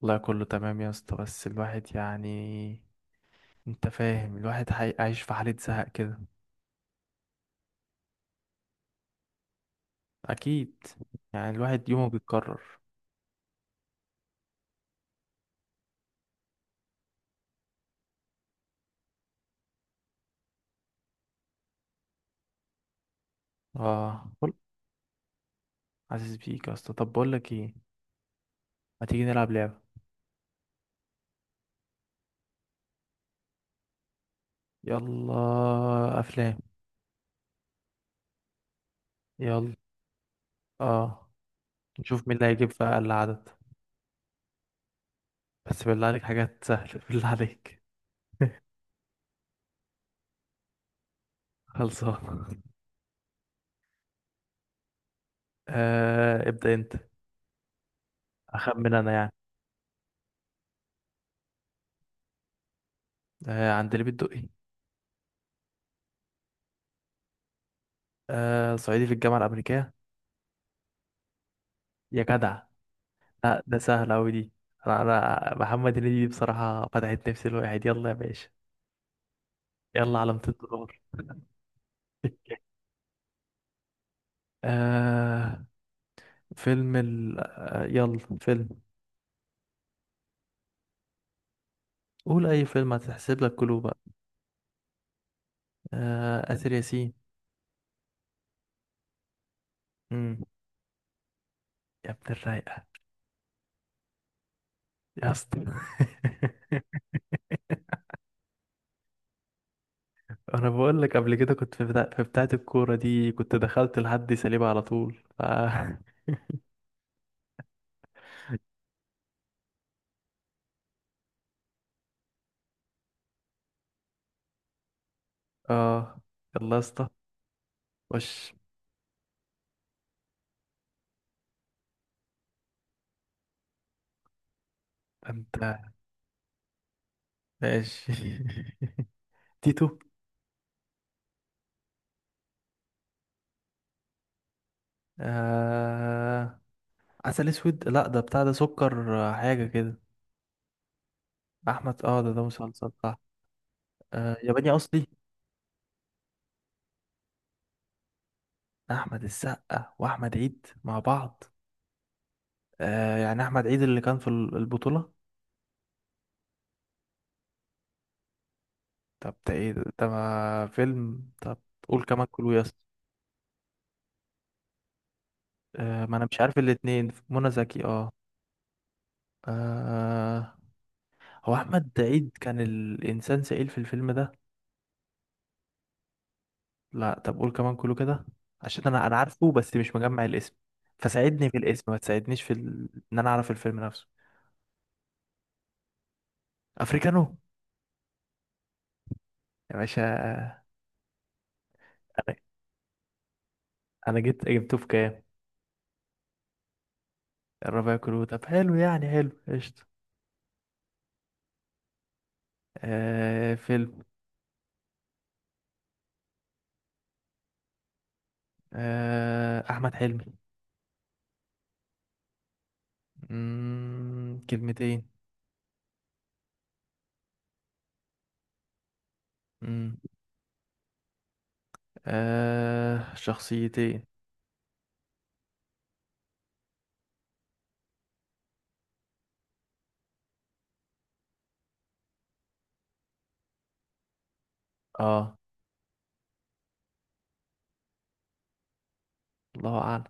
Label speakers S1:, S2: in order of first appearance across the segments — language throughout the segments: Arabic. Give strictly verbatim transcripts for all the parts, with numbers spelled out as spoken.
S1: والله كله تمام يا اسطى، بس الواحد يعني، انت فاهم؟ الواحد حي- عايش في حالة زهق كده. اكيد، يعني الواحد يومه بيتكرر. اه، قول. عزيز بيك يا اسطى. طب بقول لك ايه، ما تيجي نلعب لعبة؟ يلا افلام. يلا اه، نشوف مين اللي هيجيب في اقل عدد. بس بالله عليك حاجات سهلة، بالله عليك. خلصان. آه، ابدأ انت. اخمن انا يعني. آه، عند اللي بتدقي. آه، صعيدي في الجامعة الأمريكية. يا جدع. لا ده سهل أوي دي. أنا أنا محمد هنيدي دي بصراحة فتحت نفسي، الواحد يلا يا باشا. يلا على ميتين دولار. آه فيلم ال آه يلا فيلم. قول أي فيلم هتحسب لك كله بقى. آه آسر ياسين. مم. يا ابن الرايقة. يا اسطى أنا بقول لك قبل كده كنت في بتاع في بتاعة الكورة دي، كنت دخلت لحد سليبة على طول، ف آه يلا يا اسطى. خش. أنت. ماشي. تيتو. آه... عسل اسود. لا ده بتاع، ده سكر آه، حاجه كده. احمد اه ده ده مسلسل صح. آه... ياباني اصلي. احمد السقا واحمد عيد مع بعض. آه... يعني احمد عيد اللي كان في ال- البطوله. طب ده ايه ده ده ما فيلم طب. قول كمان كله يا اسطى. آه، ما انا مش عارف الاتنين، منى زكي اه. آه. هو احمد عيد كان الانسان سئيل في الفيلم ده. لا طب قول كمان كله كده. عشان انا انا عارفه بس مش مجمع الاسم. فساعدني في الاسم، ما تساعدنيش في ال... ان انا اعرف الفيلم نفسه. افريكانو. يا باشا. انا. أنا جيت جبته في كام؟ الربع كله طب، حلو يعني، حلو قشطة. آه فيلم. آه احمد حلمي. مم... كلمتين. مم... آه شخصيتين. اه. الله اعلم.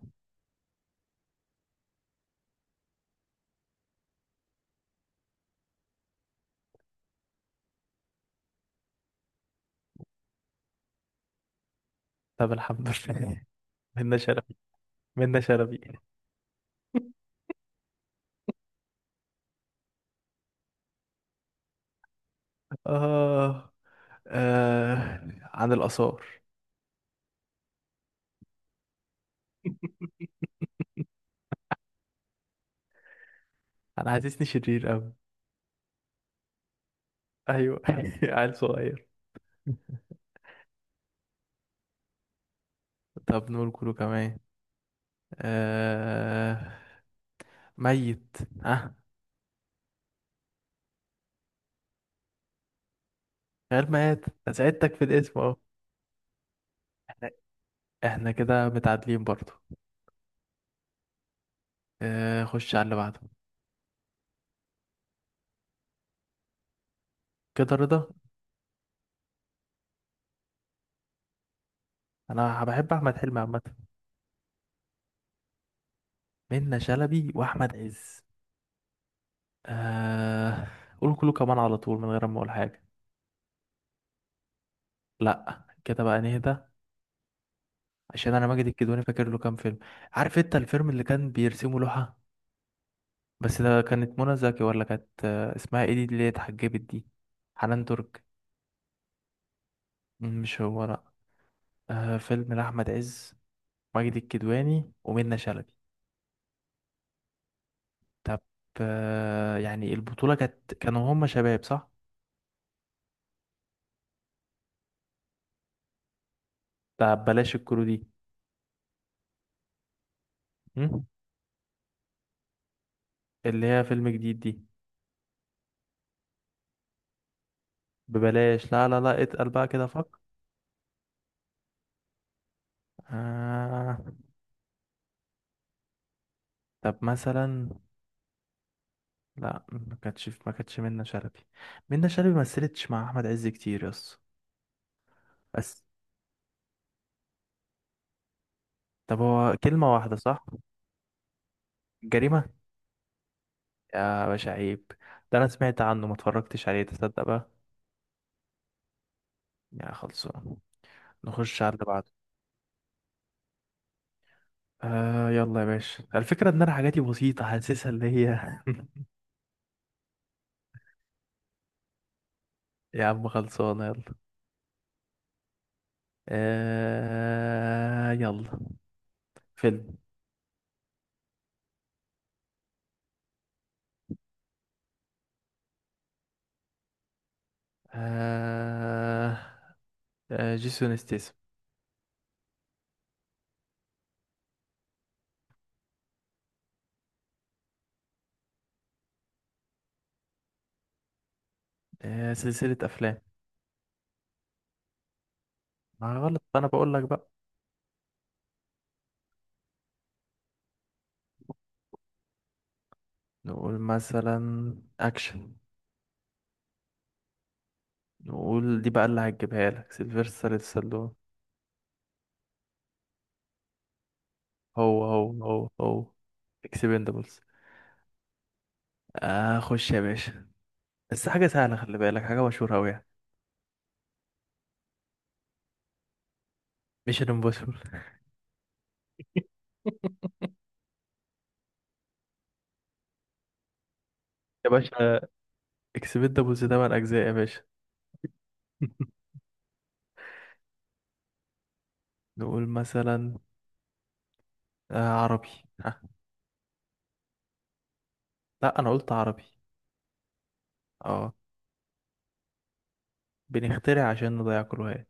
S1: طب الحمد لله. منا شرفي. منا شرفي. آه. آه عن الآثار. انا حاسسني شرير قوي. ايوه. عيل صغير. طب نقول كله كمان. آه... ميت. ها. غير ميت، أنا ساعدتك في الاسم اهو. احنا. احنا كده متعادلين برضو. آه... خش على اللي بعده. كده رضا. انا بحب احمد حلمي عامه. منة شلبي واحمد عز. آه... قول كله كمان على طول من غير ما اقول حاجه. لا كده بقى نهدى. عشان انا ماجد الكدواني فاكر له كام فيلم. عارف انت الفيلم اللي كان بيرسمه لوحه؟ بس ده كانت منى زكي ولا كانت آه، اسمها ايه دي اللي هي اتحجبت دي، حنان ترك؟ مم، مش هو لا. آه فيلم لأحمد عز، ماجد الكدواني ومنى شلبي. طب. آه يعني البطولة كانت، كانوا هما شباب صح؟ طب بلاش الكرو دي. مم؟ اللي هي فيلم جديد دي. ببلاش لا لا لا، اتقل بقى كده فك. آه طب مثلا. لا ما كانتش ما كانتش منى شلبي. منى شلبي ما مثلتش مع احمد عز كتير يس بس. طب هو كلمة واحدة صح؟ جريمة. يا باشا عيب. ده أنا سمعت عنه، ما اتفرجتش عليه تصدق بقى. يا خلصان. نخش على اللي بعده. آه يلا يا باشا، الفكرة إن أنا حاجاتي بسيطة حاسسها اللي هي يا عم خلصانة يلا. آه يلا. فيلم. آه. آه جيسون ستيسم. آه سلسلة أفلام. ما غلط، أنا بقول لك بقى. نقول مثلا. أكشن. نقول دي بقى اللي هتجيبها لك، سيلفستر ستالون. هو هو هو هو. اكسبندبلز. آه خش يا باشا. بس حاجة سهلة، خلي بالك حاجة مشهورة أوي يعني. ميشن امبوسيبل. يا باشا، اكسبت ده بوز تمن أجزاء يا باشا. نقول مثلا. آه عربي. ها. لا أنا قلت عربي. اه. بنخترع عشان نضيع كل واحد.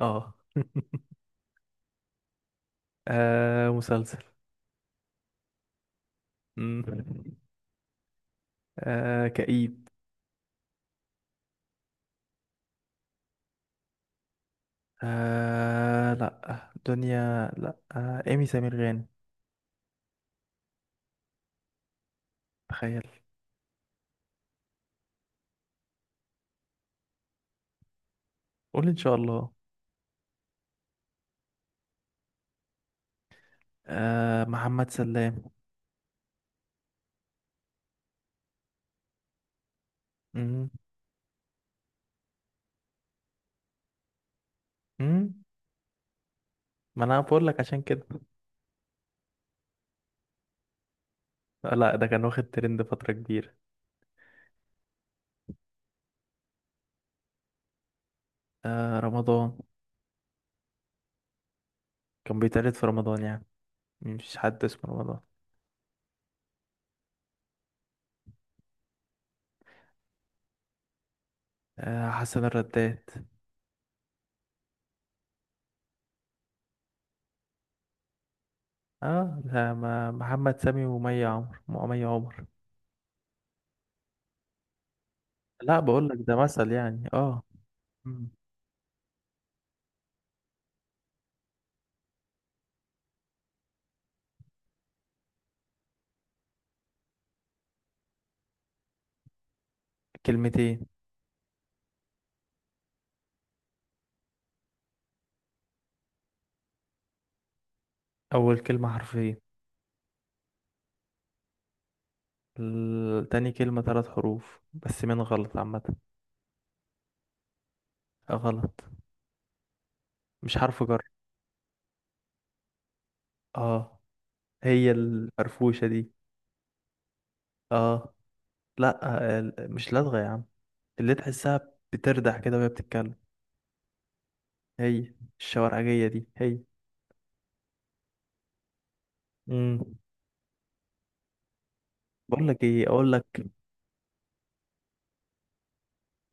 S1: اه آه مسلسل. مم. آه كئيب. آه لا دنيا لا، آه إيمي سمير غانم. تخيل. قول إن شاء الله. آه محمد سلام. مم. مم. ما أنا بقول لك عشان كده. آه، لا ده كان واخد ترند فترة كبيرة. آه رمضان. كان بيتقلد في رمضان يعني، مش حد اسمه رمضان. آه حسن الرداد. اه ده ما محمد سامي ومي عمر ومي عمر. لا بقول لك ده مثل يعني اه. مم. كلمتين. اول كلمة حرفين. ال- تاني كلمة ثلاث حروف بس من غلط عامة. غلط. مش حرف جر. اه. هي الفرفوشة دي. اه. لا آه، مش لدغة يا عم، اللي تحسها بتردح كده وهي بتتكلم. هي الشوارعجية دي هي. امم. بقول لك ايه، اقول لك.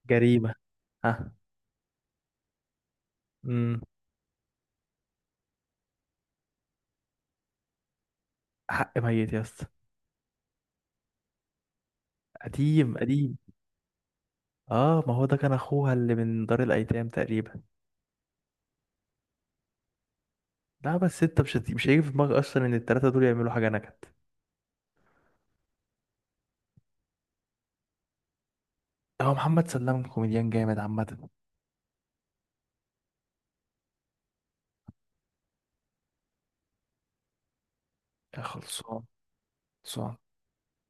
S1: جريمة. ها. امم. حق ميت يا اسطى. قديم قديم. اه ما هو ده كان اخوها اللي من دار الايتام تقريبا. لا بس انت مش هت- مش هيجي في دماغك اصلا ان التلاتة دول يعملوا حاجة نكد. هو محمد سلام كوميديان جامد عامة. يا خلصان. خلصان.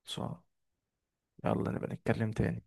S1: خلصان. يلا نبقى نتكلم تاني.